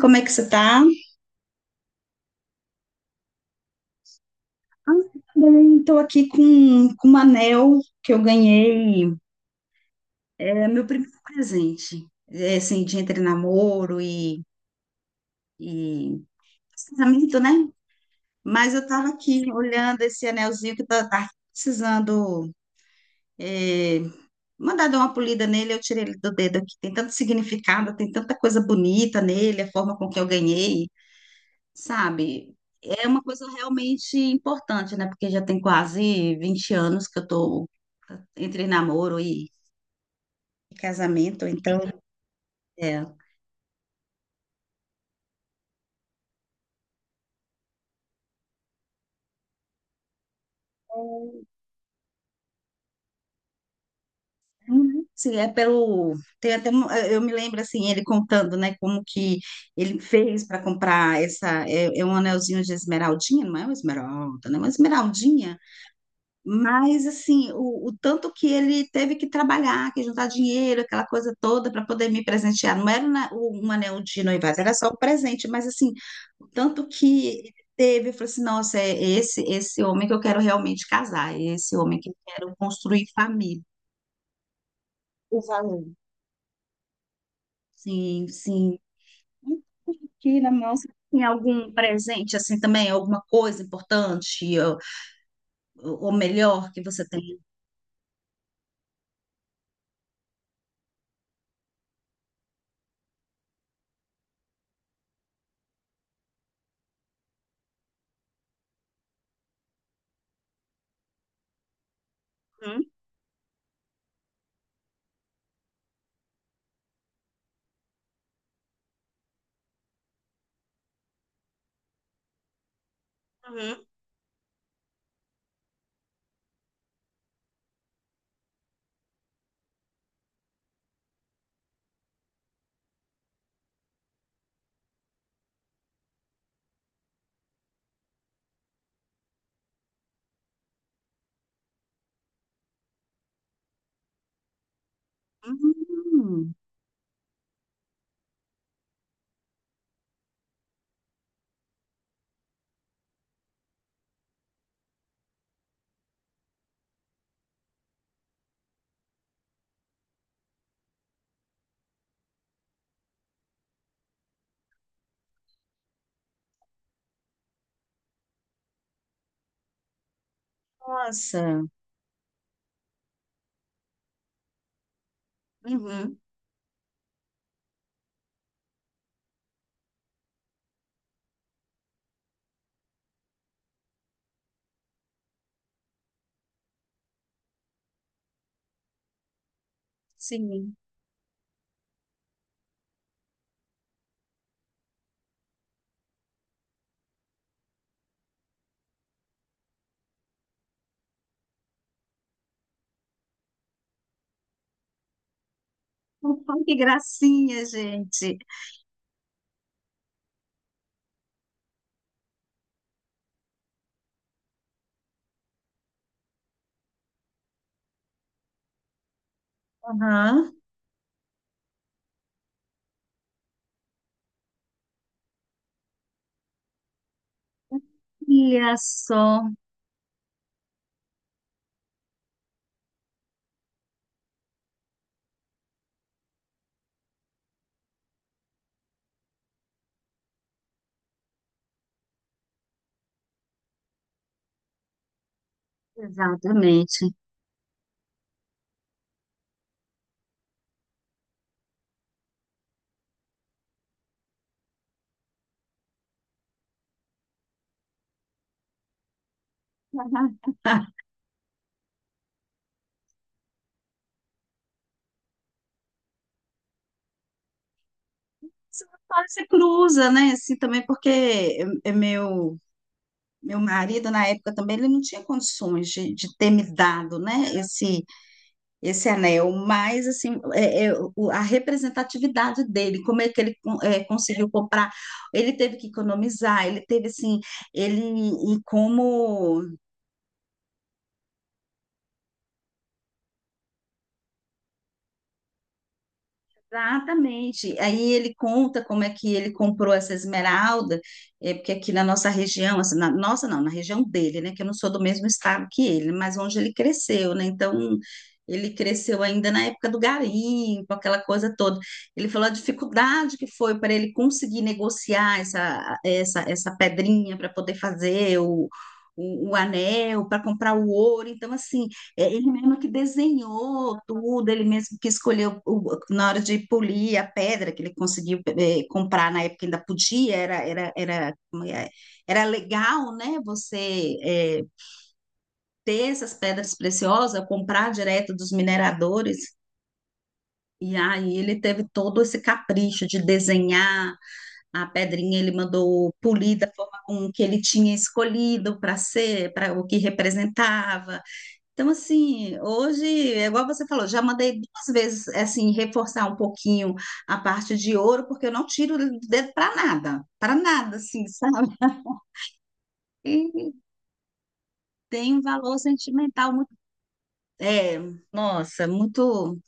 Como é que você tá? Estou aqui com um anel que eu ganhei. É meu primeiro presente, é, assim, de entre namoro e casamento, né? Mas eu estava aqui olhando esse anelzinho que tá precisando é, mandar dar uma polida nele. Eu tirei ele do dedo aqui. Tem tanto significado, tem tanta coisa bonita nele, a forma com que eu ganhei. Sabe? É uma coisa realmente importante, né? Porque já tem quase 20 anos que eu tô entre namoro e casamento, então é. Uhum. Sim, é pelo. Tem até um- eu me lembro assim, ele contando, né, como que ele fez para comprar essa. É, é um anelzinho de esmeraldinha, não é uma esmeralda, né? Uma esmeraldinha. Mas, assim, o tanto que ele teve que trabalhar, que juntar dinheiro, aquela coisa toda, para poder me presentear. Não era na- o- um anel de noivado, era só o presente. Mas, assim, o tanto que ele teve, eu falei assim: nossa, é esse homem que eu quero realmente casar, é esse homem que eu quero construir família. O valor. Sim, sim. Aqui na mão, você tem algum presente, assim, também? Alguma coisa importante, ou melhor, que você tem? Uhum, uhum. Hum, nossa. Uhum. Sim. Opa, que gracinha, gente. Aham. Olha só. Exatamente. Você cruza, né? Assim também, porque é- é meu marido na época também ele não tinha condições de ter me dado, né? Esse anel, mas assim é- é o- a representatividade dele, como é que ele con- é, conseguiu comprar? Ele teve que economizar, ele teve assim, ele e como Exatamente. Aí ele conta como é que ele comprou essa esmeralda, é, porque aqui na nossa região, assim, na nossa não, na região dele, né? Que eu não sou do mesmo estado que ele, mas onde ele cresceu, né? Então ele cresceu ainda na época do garimpo, aquela coisa toda. Ele falou a dificuldade que foi para ele conseguir negociar essa pedrinha para poder fazer o anel, para comprar o ouro. Então, assim, é ele mesmo que desenhou tudo, ele mesmo que escolheu o- na hora de polir a pedra que ele conseguiu comprar na época que ainda podia, era como é? Era legal, né? Você ter essas pedras preciosas, comprar direto dos mineradores. E aí ele teve todo esse capricho de desenhar a pedrinha, ele mandou polir da forma com que ele tinha escolhido para ser, para o que representava. Então, assim, hoje, é igual você falou, já mandei 2 vezes, é assim, reforçar um pouquinho a parte de ouro, porque eu não tiro o dedo para nada, assim, sabe? E tem um valor sentimental muito, é, nossa, muito.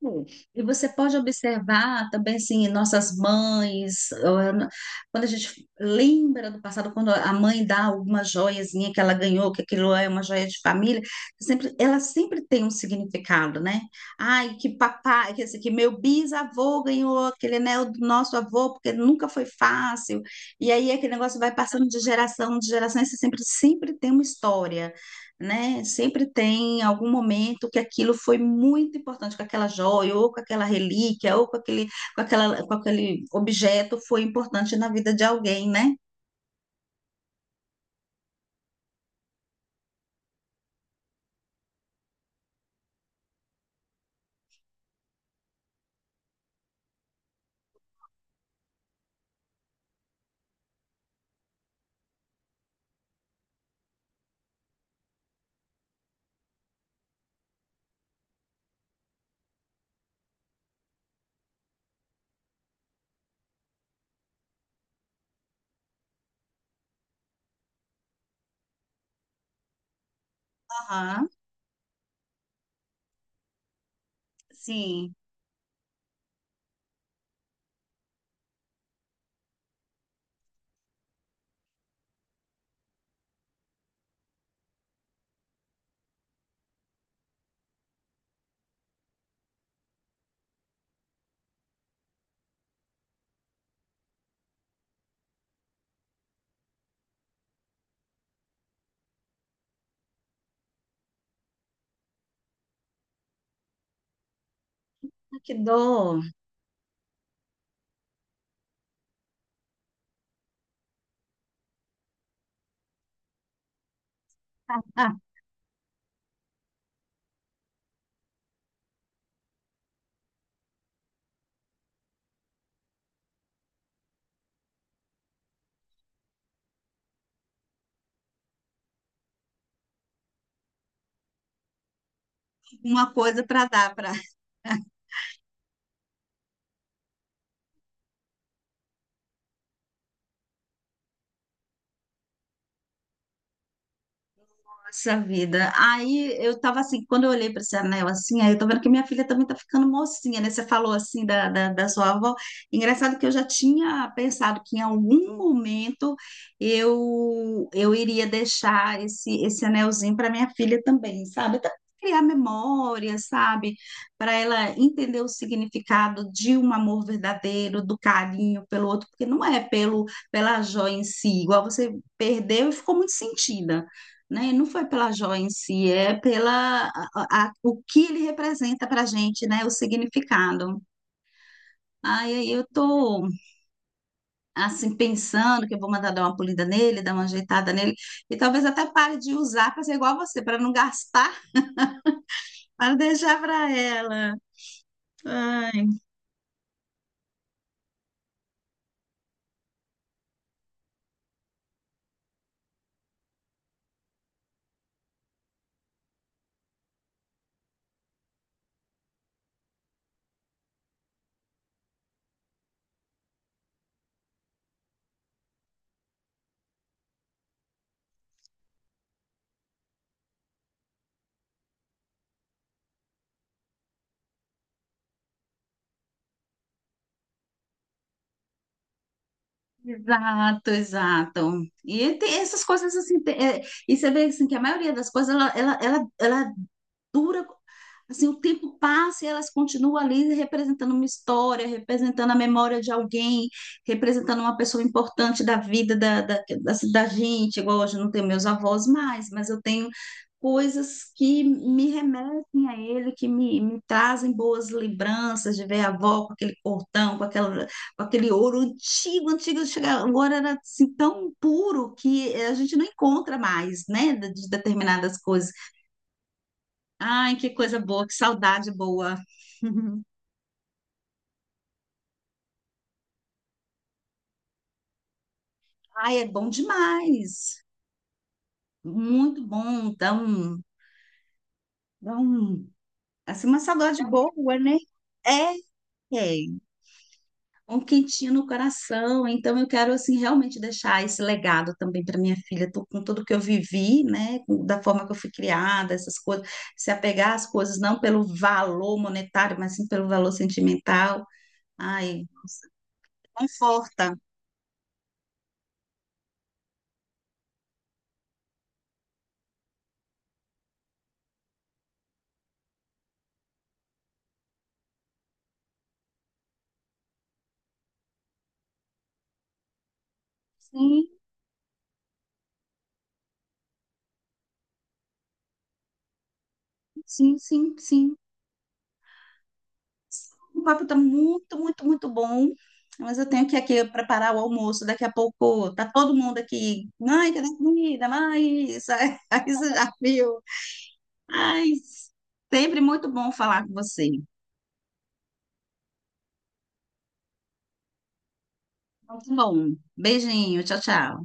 Hum. E você pode observar também, assim, nossas mães, ah, na- quando a gente lembra do passado, quando a mãe dá alguma joiazinha que ela ganhou, que aquilo é uma joia de família, sempre, ela sempre tem um significado, né? Ai, que papai, que, assim, que meu bisavô ganhou aquele anel do nosso avô, porque nunca foi fácil. E aí aquele negócio vai passando de geração, e você sempre, sempre tem uma história né? Sempre tem algum momento que aquilo foi muito importante, com aquela joia, ou com aquela relíquia, ou com aquele, com aquela, com aquele objeto foi importante na vida de alguém, né? Aham, sim. Ah, que dó. Ah, uma coisa para dar para Nossa vida. Aí eu tava assim, quando eu olhei para esse anel assim, aí eu tô vendo que minha filha também tá ficando mocinha, né? Você falou assim da sua avó. Engraçado que eu já tinha pensado que em algum momento eu iria deixar esse anelzinho para minha filha também, sabe? Até pra criar memória, sabe? Para ela entender o significado de um amor verdadeiro, do carinho pelo outro, porque não é pelo pela joia em si, igual você perdeu e ficou muito sentida né? E não foi pela joia em si, é pela a- o que ele representa para a gente, né? O significado. Aí eu tô assim pensando que eu vou mandar dar uma polida nele, dar uma ajeitada nele e talvez até pare de usar para ser igual a você, para não gastar, para deixar para ela. Ai. Exato, exato. E tem essas coisas assim, tem- é, e você vê assim, que a maioria das coisas ela dura, assim, o tempo passa e elas continuam ali representando uma história, representando a memória de alguém, representando uma pessoa importante da vida da gente. Igual hoje eu não tenho meus avós mais, mas eu tenho coisas que me remetem a ele, que me trazem boas lembranças de ver a avó com aquele cortão com aquela aquele ouro antigo, antigo, chega- agora era assim, tão puro que a gente não encontra mais, né, de determinadas coisas. Ai, que coisa boa, que saudade boa. Ai, é bom demais. Muito bom, então, dá um- assim, uma saudade boa, né? É, é. Um quentinho no coração. Então eu quero assim realmente deixar esse legado também para minha filha, tô- com tudo que eu vivi, né, com- da forma que eu fui criada, essas coisas, se apegar às coisas não pelo valor monetário, mas sim pelo valor sentimental. Ai, conforta. Sim, sim, sim, sim. O papo está muito, muito, muito bom. Mas eu tenho que aqui preparar o almoço. Daqui a pouco tá todo mundo aqui. Mãe, cadê a comida? Mãe, isso aí você já viu. Ai, sempre muito bom falar com você. Muito bom. Beijinho, tchau, tchau.